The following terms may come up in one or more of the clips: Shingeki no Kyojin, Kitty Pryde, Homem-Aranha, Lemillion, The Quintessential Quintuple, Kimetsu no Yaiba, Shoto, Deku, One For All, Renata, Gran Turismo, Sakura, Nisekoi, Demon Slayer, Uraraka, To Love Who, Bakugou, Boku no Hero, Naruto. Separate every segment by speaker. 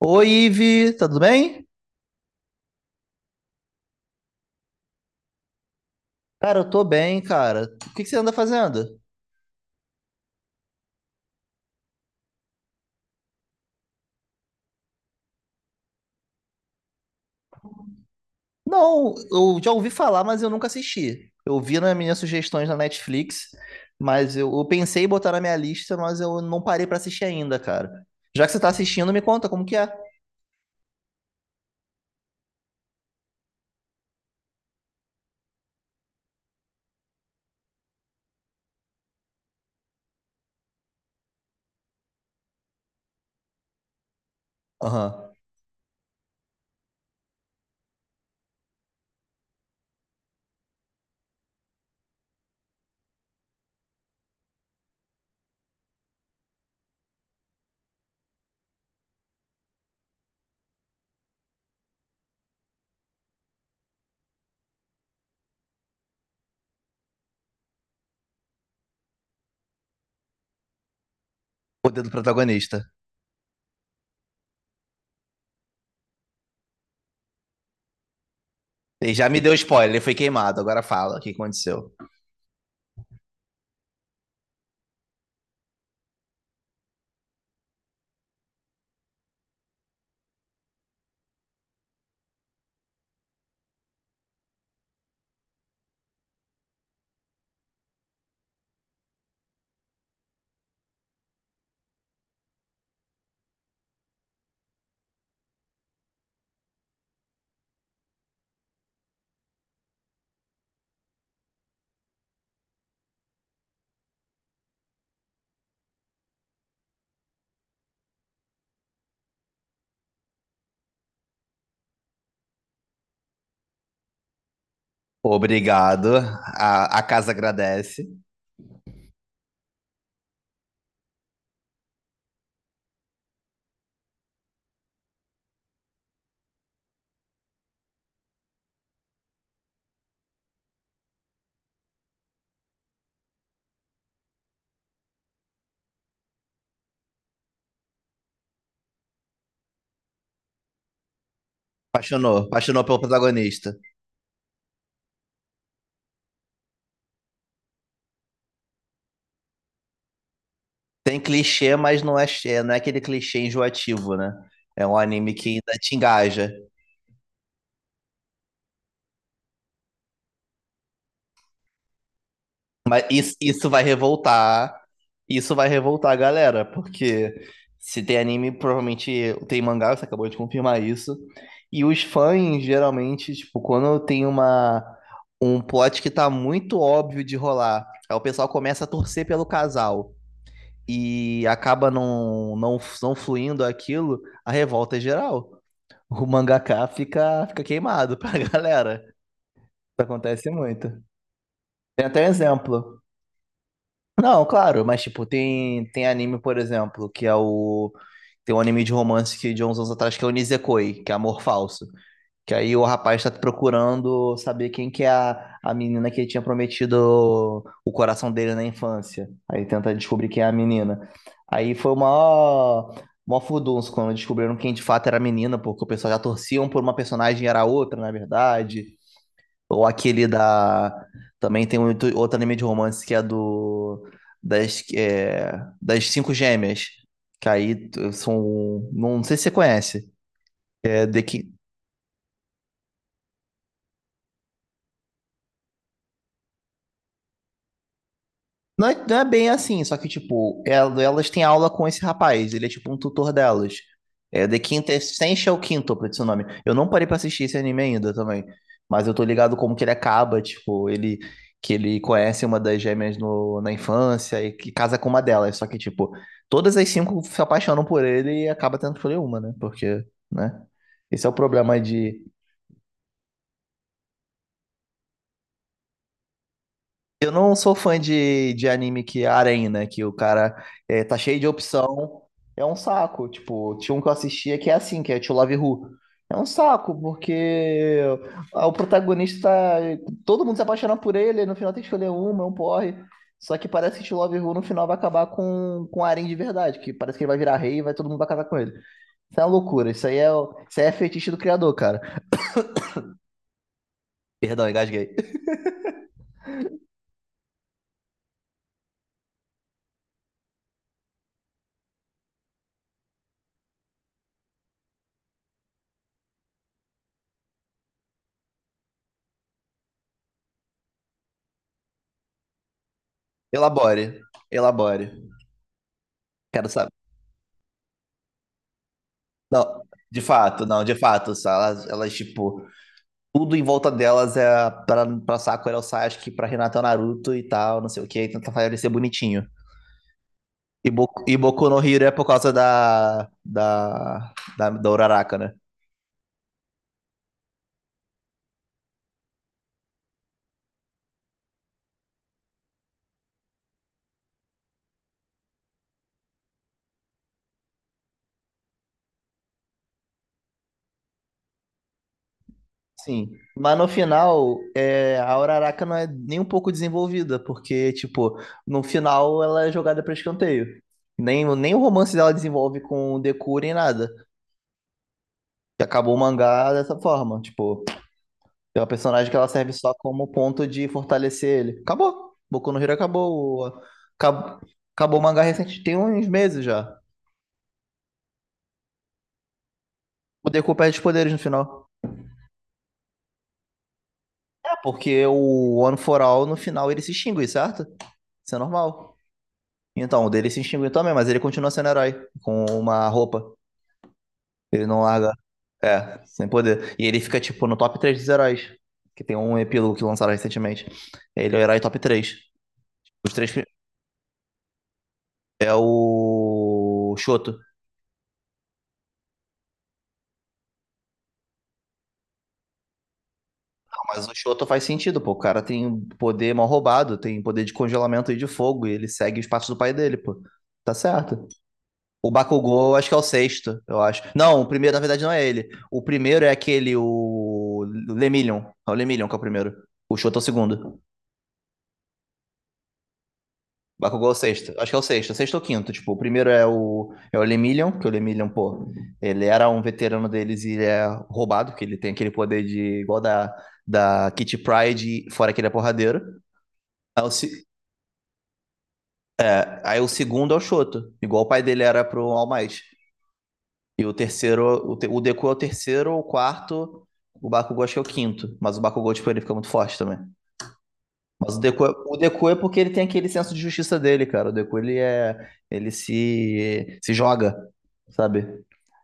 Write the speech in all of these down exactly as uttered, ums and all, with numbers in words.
Speaker 1: Oi, Ive, tá tudo bem? Cara, eu tô bem, cara. O que que você anda fazendo? Não, eu já ouvi falar, mas eu nunca assisti. Eu vi nas minhas sugestões na Netflix, mas eu, eu pensei em botar na minha lista, mas eu não parei pra assistir ainda, cara. Já que você tá assistindo, me conta como que é. Aham. O dedo protagonista. Ele já me deu spoiler, ele foi queimado. Agora fala o que aconteceu. Obrigado. A, a casa agradece. Apaixonou, apaixonou pelo protagonista. Tem clichê, mas não é, che- não é aquele clichê enjoativo, né? É um anime que ainda te engaja. Mas isso, isso vai revoltar. Isso vai revoltar a galera, porque se tem anime, provavelmente tem mangá, você acabou de confirmar isso. E os fãs, geralmente, tipo, quando tem uma, um plot que tá muito óbvio de rolar, aí o pessoal começa a torcer pelo casal e acaba não, não, não fluindo aquilo, a revolta é geral. O mangaká fica, fica queimado pra galera. Isso acontece muito. Tem até um exemplo. Não, claro, mas tipo, tem, tem anime, por exemplo, que é o. Tem um anime de romance que de uns anos atrás que é o Nisekoi, que é Amor Falso. Que aí o rapaz tá procurando saber quem que é a, a menina que ele tinha prometido o coração dele na infância. Aí tenta descobrir quem é a menina. Aí foi o maior, maior furdunço quando descobriram quem de fato era a menina, porque o pessoal já torciam por uma personagem e era outra, na verdade. Ou aquele da. Também tem muito- outro anime de romance que é do. Das, é, das cinco gêmeas. Que aí t- são. Não sei se você conhece. É The, Ki- Não é, não é bem assim, só que, tipo, el- elas têm aula com esse rapaz, ele é tipo um tutor delas. É The Quintessential Quintuple, esse é o nome. Eu não parei pra assistir esse anime ainda também, mas eu tô ligado como que ele acaba, tipo, ele que ele conhece uma das gêmeas no, na infância e que casa com uma delas, só que, tipo, todas as cinco se apaixonam por ele e acaba tendo que escolher uma, né? Porque, né? Esse é o problema de. Eu não sou fã de, de anime que é harém, né? Que o cara é, tá cheio de opção. É um saco. Tipo, tinha um que eu assistia que é assim, que é To Love Who. É um saco, porque a- o protagonista tá, todo mundo se apaixona por ele, no final tem que escolher uma, é um porre. Só que parece que To Love Who no final vai acabar com, com harém de verdade, que parece que ele vai virar rei e vai todo mundo vai casar com ele. Isso é uma loucura. Isso aí é, o- isso aí é fetiche do criador, cara. Perdão, engasguei. Elabore. Elabore. Quero saber. Não, de fato, não, de fato. Só Elas, elas tipo, tudo em volta delas é pra, pra Sakura é o Sasuke, pra Renata é o Naruto e tal, não sei o que, tenta fazer ele ser bonitinho. E Boku, e Boku no Hero é por causa da, da, da, da Uraraka, né? Sim. Mas no final, é, a Uraraka não é nem um pouco desenvolvida, porque, tipo, no final ela é jogada pra escanteio. Nem, nem o romance dela desenvolve com o Deku nem nada. E acabou o mangá dessa forma, tipo. É uma personagem que ela serve só como ponto de fortalecer ele. Acabou. Boku no Hero acabou. O- Acab... Acabou o mangá recente, tem uns meses já. O Deku perde os poderes no final. É porque o One For All, no final, ele se extingue, certo? Isso é normal. Então, o dele se extinguiu também, mas ele continua sendo herói. Com uma roupa. Ele não larga. É, sem poder. E ele fica, tipo, no top três dos heróis. Que tem um epílogo que lançaram recentemente. Ele é o herói top três. Os três pri- é o Shoto. Mas o Shoto faz sentido, pô. O cara tem um poder mal roubado, tem um poder de congelamento e de fogo, e ele segue os passos do pai dele, pô. Tá certo. O Bakugou, eu acho que é o sexto, eu acho. Não, o primeiro, na verdade, não é ele. O primeiro é aquele, o Lemillion. É o Lemillion que é o primeiro. O Shoto é o segundo. O Bakugou é o sexto. Acho que é o sexto, sexto ou quinto. Tipo, o primeiro é o, é o Lemillion, que o Lemillion, pô, ele era um veterano deles e ele é roubado, que ele tem aquele poder de, igual da, da Kitty Pryde, fora que ele é porradeiro. É o se- Aí o segundo é o Choto, igual o pai dele era pro All Might. E o terceiro, o, te- o Deku é o terceiro, o quarto, o Bakugou acho que é o quinto. Mas o Bakugou, tipo, ele fica muito forte também. Mas o Deku, é- o Deku é porque ele tem aquele senso de justiça dele, cara. O Deku, ele é, ele se, se joga, sabe?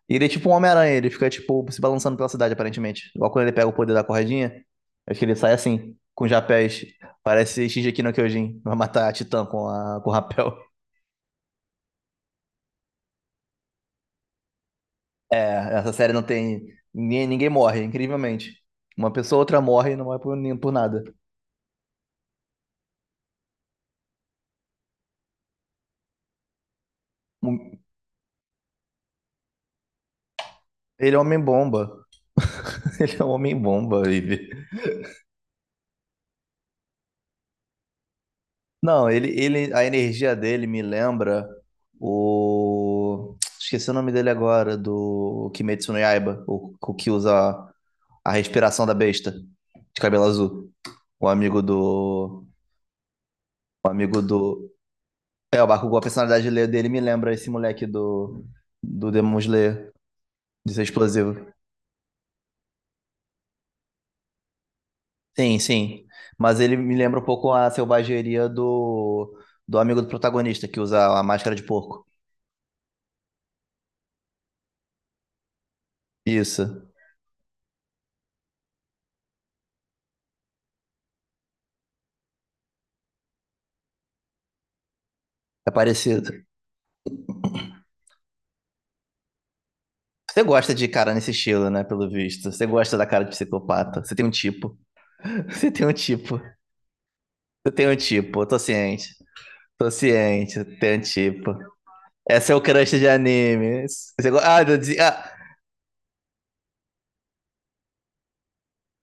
Speaker 1: E ele é tipo um Homem-Aranha, ele fica, tipo, se balançando pela cidade, aparentemente. Igual quando ele pega o poder da corredinha, acho que ele sai assim, com japés. Parece Shingeki no Kyojin, vai matar a Titã com, a, com o rapel. É, essa série não tem. Ninguém, ninguém morre, incrivelmente. Uma pessoa ou outra morre e não morre por, nem- por nada. Um- Ele é um homem-bomba. Ele é um homem-bomba, Vivi. Não, ele, ele, a energia dele me lembra o. Esqueci o nome dele agora, do Kimetsu no Yaiba, o, o que usa a, a respiração da besta, de cabelo azul. O amigo do. O amigo do. É, o Bakugou, a personalidade dele dele me lembra esse moleque do, do Demon Slayer, de ser explosivo. Sim, sim. Mas ele me lembra um pouco a selvageria do, do amigo do protagonista, que usa a máscara de porco. Isso. É parecido. Você gosta de cara nesse estilo, né? Pelo visto. Você gosta da cara de psicopata. Você tem um tipo. Você tem um tipo. Você tem um tipo. Eu tô ciente. Tô ciente. Tem um tipo. É seu crush de anime. Você go- Ah, eu dizia- ah,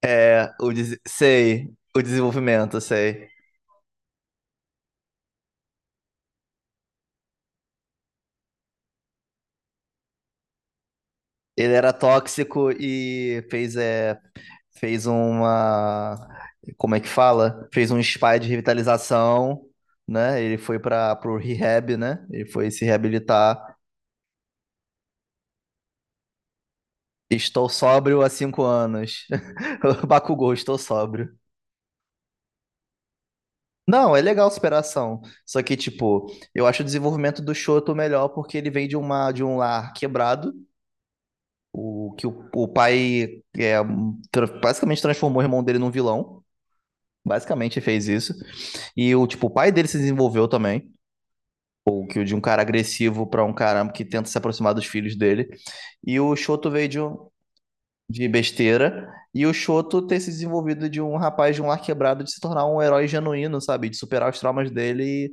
Speaker 1: é. O des... Sei. O desenvolvimento, sei. Ele era tóxico e fez é, fez uma, como é que fala? Fez um spa de revitalização, né? Ele foi para pro rehab, né? Ele foi se reabilitar. Estou sóbrio há cinco anos. Bakugou, estou sóbrio. Não, é legal a superação. Só que, tipo, eu acho o desenvolvimento do Shoto melhor porque ele vem de, uma, de um lar quebrado, o que o, o pai é, tra- basicamente transformou o irmão dele num vilão. Basicamente fez isso. E o, tipo, o pai dele se desenvolveu também. Ou que o de um cara agressivo para um cara que tenta se aproximar dos filhos dele. E o Shoto veio de, um- de besteira. E o Shoto ter se desenvolvido de um rapaz de um lar quebrado, de se tornar um herói genuíno, sabe? De superar os traumas dele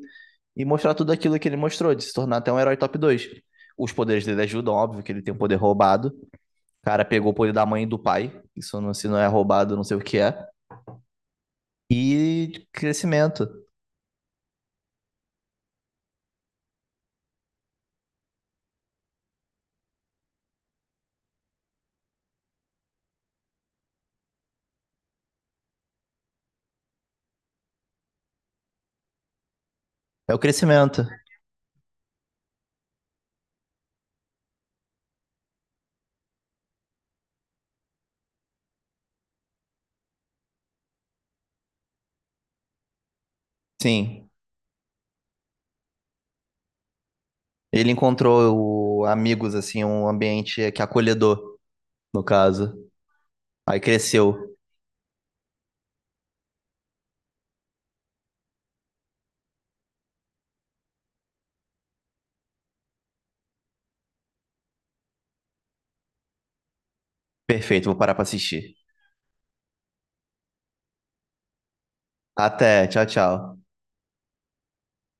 Speaker 1: e, e mostrar tudo aquilo que ele mostrou, de se tornar até um herói top dois. Os poderes dele ajudam, óbvio que ele tem um poder roubado. O cara pegou o poder da mãe e do pai. Isso não, se não é roubado, não sei o que é. E crescimento. É o crescimento. Sim. Ele encontrou o- amigos, assim, um ambiente que é acolhedor, no caso. Aí cresceu. Perfeito, vou parar pra assistir. Até, tchau, tchau.